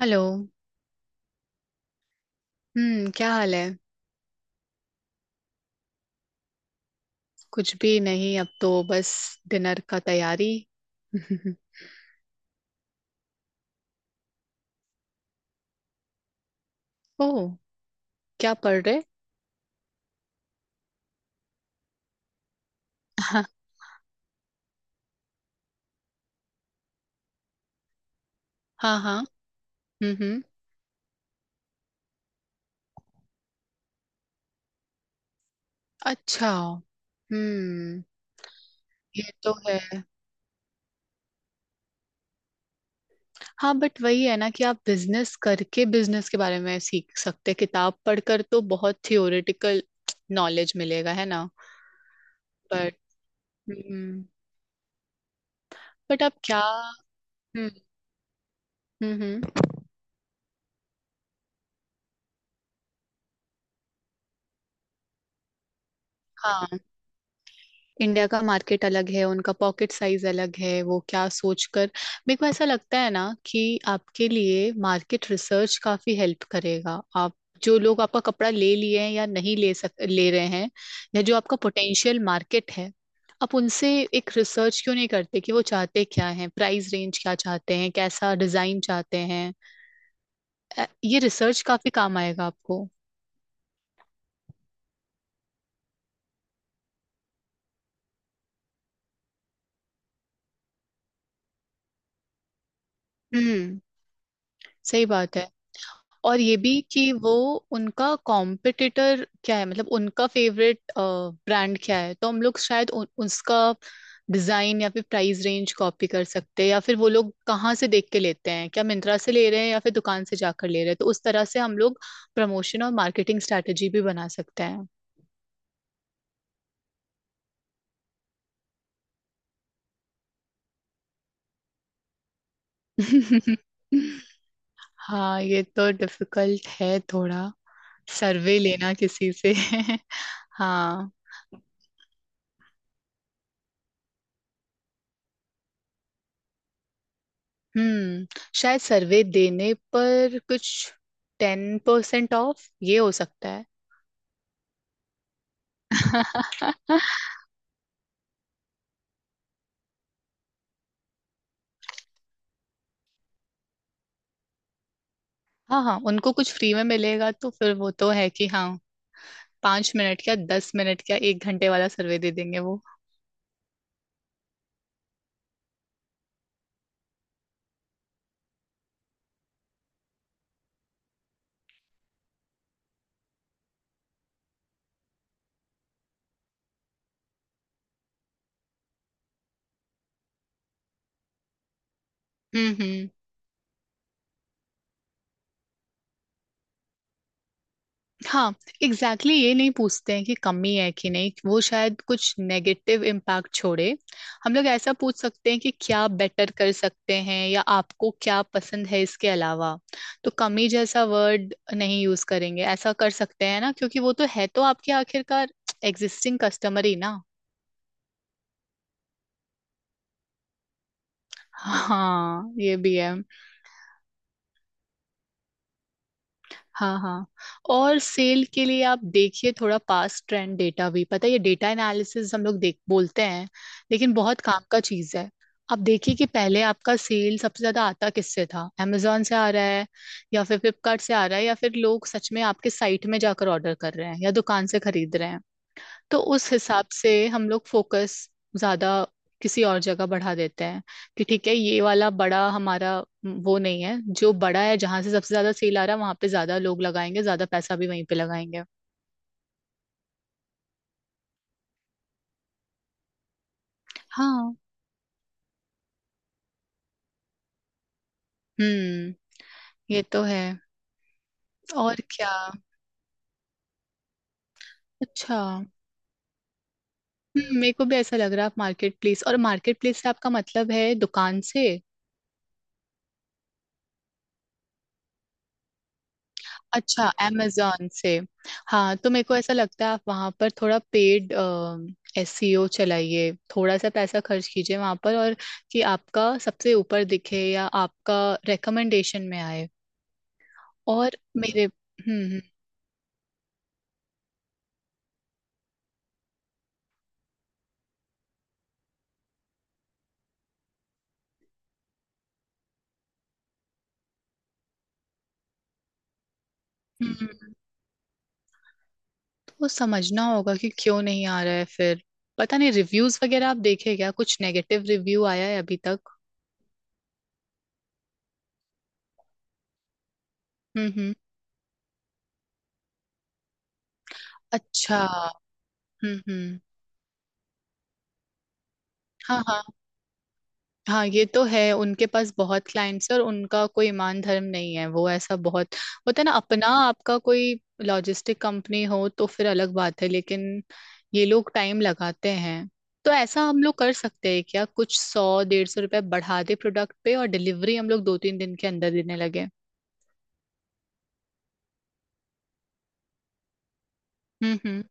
Hello. क्या हाल है? कुछ भी नहीं, अब तो बस डिनर का तैयारी। ओह। क्या पढ़ रहे? हाँ हाँ। हम्म। अच्छा। हम्म। ये तो है। हाँ, बट वही है ना कि आप बिजनेस करके बिजनेस के बारे में सीख सकते हैं। किताब पढ़कर तो बहुत थियोरेटिकल नॉलेज मिलेगा, है ना। बट। हम्म। बट आप क्या। हम्म। हम्म। हाँ, इंडिया का मार्केट अलग है, उनका पॉकेट साइज अलग है, वो क्या सोचकर। मेरे को ऐसा लगता है ना कि आपके लिए मार्केट रिसर्च काफी हेल्प करेगा। आप जो लोग आपका कपड़ा ले लिए हैं या नहीं ले रहे हैं, या जो आपका पोटेंशियल मार्केट है, आप उनसे एक रिसर्च क्यों नहीं करते कि वो चाहते क्या हैं, प्राइस रेंज क्या चाहते हैं, कैसा डिजाइन चाहते हैं। ये रिसर्च काफी काम आएगा आपको। हम्म। सही बात है। और ये भी कि वो उनका कॉम्पिटिटर क्या है, मतलब उनका फेवरेट ब्रांड क्या है, तो हम लोग शायद उसका डिजाइन या फिर प्राइस रेंज कॉपी कर सकते हैं, या फिर वो लोग कहाँ से देख के लेते हैं, क्या मिंत्रा से ले रहे हैं या फिर दुकान से जाकर ले रहे हैं। तो उस तरह से हम लोग प्रमोशन और मार्केटिंग स्ट्रेटेजी भी बना सकते हैं। हाँ, ये तो डिफिकल्ट है थोड़ा। सर्वे लेना किसी से। हाँ। हम्म। शायद सर्वे देने पर कुछ 10% ऑफ, ये हो सकता है। हाँ हाँ, उनको कुछ फ्री में मिलेगा तो फिर वो तो है कि हाँ, 5 मिनट क्या, 10 मिनट क्या, एक घंटे वाला सर्वे दे देंगे वो। हम्म। हाँ। एग्जैक्टली। exactly, ये नहीं पूछते हैं कि कमी है कि नहीं, वो शायद कुछ नेगेटिव इम्पैक्ट छोड़े। हम लोग ऐसा पूछ सकते हैं कि क्या बेटर कर सकते हैं या आपको क्या पसंद है इसके अलावा। तो कमी जैसा वर्ड नहीं यूज करेंगे, ऐसा कर सकते हैं ना, क्योंकि वो तो है तो आपके आखिरकार एग्जिस्टिंग कस्टमर ही ना। हाँ, ये भी है। हाँ हाँ। और सेल के लिए आप देखिए, थोड़ा पास्ट ट्रेंड डेटा भी पता है, ये डेटा एनालिसिस हम लोग देख बोलते हैं, लेकिन बहुत काम का चीज है। आप देखिए कि पहले आपका सेल सबसे ज्यादा आता किससे था, amazon से आ रहा है या फिर फ्लिपकार्ट से आ रहा है, या फिर लोग सच में आपके साइट में जाकर ऑर्डर कर रहे हैं या दुकान से खरीद रहे हैं। तो उस हिसाब से हम लोग फोकस ज्यादा किसी और जगह बढ़ा देते हैं कि ठीक है, ये वाला बड़ा हमारा वो नहीं है जो बड़ा है, जहां से सबसे ज्यादा सेल आ रहा है वहां पे ज्यादा लोग लगाएंगे, ज्यादा पैसा भी वहीं पे लगाएंगे। हाँ। हम्म। ये तो है। और क्या। अच्छा, मेरे को भी ऐसा लग रहा है, आप मार्केट प्लेस, और मार्केट प्लेस से आपका मतलब है दुकान से? अच्छा, amazon से। हाँ, तो मेरे को ऐसा लगता है आप वहाँ पर थोड़ा पेड एसईओ चलाइए, थोड़ा सा पैसा खर्च कीजिए वहाँ पर, और कि आपका सबसे ऊपर दिखे या आपका रिकमेंडेशन में आए। और मेरे। हम्म। हम्म। तो समझना होगा कि क्यों नहीं आ रहा है फिर। पता नहीं, रिव्यूज वगैरह आप देखे क्या, कुछ नेगेटिव रिव्यू आया है अभी तक? हम्म। अच्छा। हम्म। हाँ हाँ। हाँ, ये तो है। उनके पास बहुत क्लाइंट्स है और उनका कोई ईमान धर्म नहीं है। वो ऐसा बहुत होता है ना। अपना आपका कोई लॉजिस्टिक कंपनी हो तो फिर अलग बात है, लेकिन ये लोग टाइम लगाते हैं। तो ऐसा हम लोग कर सकते हैं क्या, कुछ सौ 150 रुपए बढ़ा दे प्रोडक्ट पे और डिलीवरी हम लोग 2-3 दिन के अंदर देने लगे। हम्म।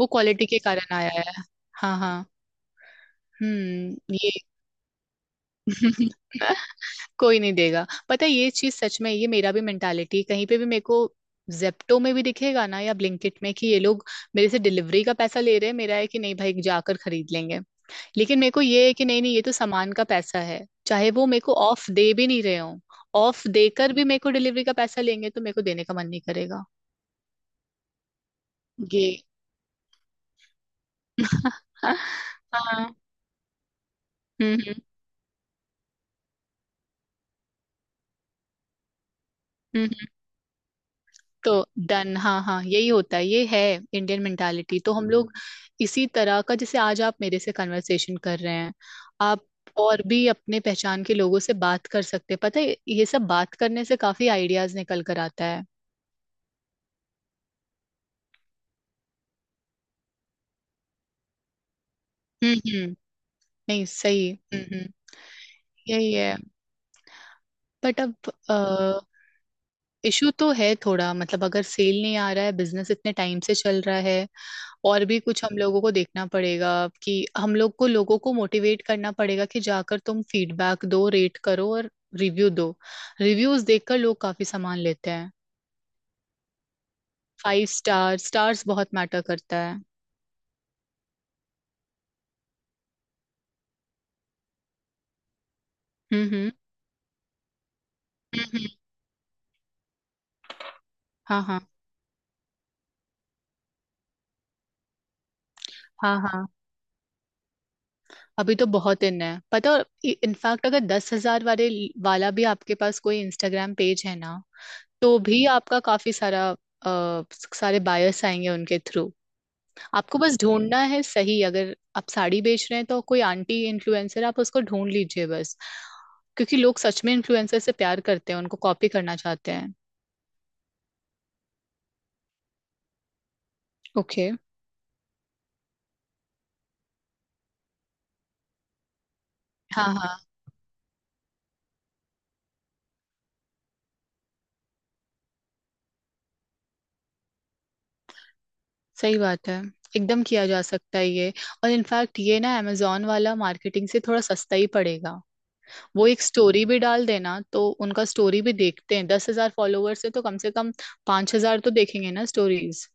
वो क्वालिटी के कारण आया है। हाँ हाँ। हम्म। ये कोई नहीं देगा, पता है ये चीज सच में, ये मेरा भी मेंटालिटी कहीं पे भी, मेरे को जेप्टो में भी दिखेगा ना या ब्लिंकिट में, कि ये लोग मेरे से डिलीवरी का पैसा ले रहे हैं, मेरा है कि नहीं भाई जाकर खरीद लेंगे। लेकिन मेरे को ये है कि नहीं नहीं, ये तो सामान का पैसा है, चाहे वो मेरे को ऑफ दे भी नहीं रहे हो। ऑफ देकर भी मेरे को डिलीवरी का पैसा लेंगे तो मेरे को देने का मन नहीं करेगा। ये हाँ। हम्म। हम्म। तो डन, हाँ हाँ, यही होता है, ये है इंडियन मेंटालिटी तो हम, लोग इसी तरह का। जैसे आज आप मेरे से कन्वर्सेशन कर रहे हैं, आप और भी अपने पहचान के लोगों से बात कर सकते हैं, पता है ये सब बात करने से काफी आइडियाज निकल कर आता है। हम्म। नहीं, सही। हम्म। यही है। बट अब, इशू तो है थोड़ा, मतलब अगर सेल नहीं आ रहा है, बिजनेस इतने टाइम से चल रहा है, और भी कुछ हम लोगों को देखना पड़ेगा कि हम लोग को लोगों को मोटिवेट करना पड़ेगा कि जाकर तुम फीडबैक दो, रेट करो, और रिव्यू दो। रिव्यूज देखकर लोग काफी सामान लेते हैं। 5 स्टार स्टार्स बहुत मैटर करता है। हम्म। हम्म। हाँ हाँ। हाँ हाँ। अभी तो बहुत इन है, पता। इनफैक्ट अगर 10,000 वाले वाला भी आपके पास कोई इंस्टाग्राम पेज है ना, तो भी आपका काफी सारा, सारे बायर्स आएंगे उनके थ्रू। आपको बस ढूंढना है सही, अगर आप साड़ी बेच रहे हैं तो कोई आंटी इन्फ्लुएंसर आप उसको ढूंढ लीजिए बस। क्योंकि लोग सच में इन्फ्लुएंसर से प्यार करते हैं, उनको कॉपी करना चाहते हैं। ओके। हाँ हाँ। सही बात है, एकदम किया जा सकता है ये। और इनफैक्ट ये ना अमेजोन वाला मार्केटिंग से थोड़ा सस्ता ही पड़ेगा। वो एक स्टोरी भी डाल देना तो उनका स्टोरी भी देखते हैं, 10,000 फॉलोअर्स है तो कम से कम 5,000 तो देखेंगे ना स्टोरीज।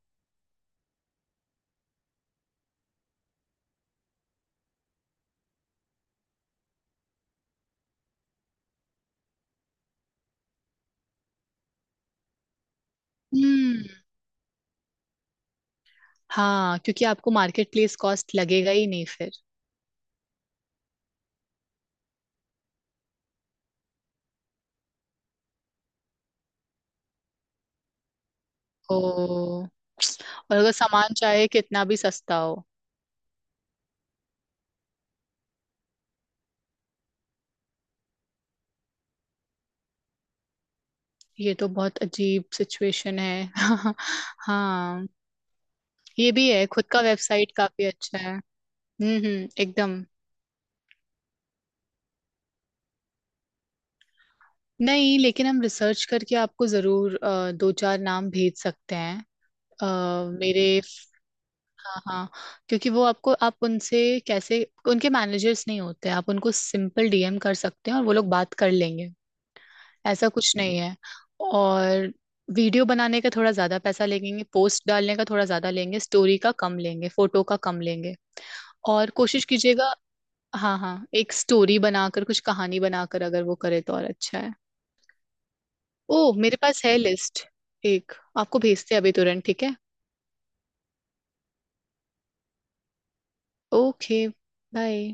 हम्म। हाँ, क्योंकि आपको मार्केट प्लेस कॉस्ट लगेगा ही नहीं फिर। ओ। और अगर सामान चाहे कितना भी सस्ता हो। ये तो बहुत अजीब सिचुएशन है। हाँ, ये भी है। खुद का वेबसाइट काफी अच्छा है। हम्म, एकदम। नहीं, लेकिन हम रिसर्च करके आपको जरूर दो चार नाम भेज सकते हैं। अ, मेरे, हाँ हाँ, क्योंकि वो आपको, आप उनसे कैसे, उनके मैनेजर्स नहीं होते, आप उनको सिंपल डीएम कर सकते हैं और वो लोग बात कर लेंगे, ऐसा कुछ नहीं है। और वीडियो बनाने का थोड़ा ज्यादा पैसा लेंगे, पोस्ट डालने का थोड़ा ज्यादा लेंगे, स्टोरी का कम लेंगे, फोटो का कम लेंगे। और कोशिश कीजिएगा। हाँ हाँ, एक स्टोरी बनाकर कुछ कहानी बनाकर अगर वो करे तो और अच्छा है। ओ, मेरे पास है लिस्ट एक। आपको भेजते हैं अभी तुरंत, ठीक है। Okay, bye.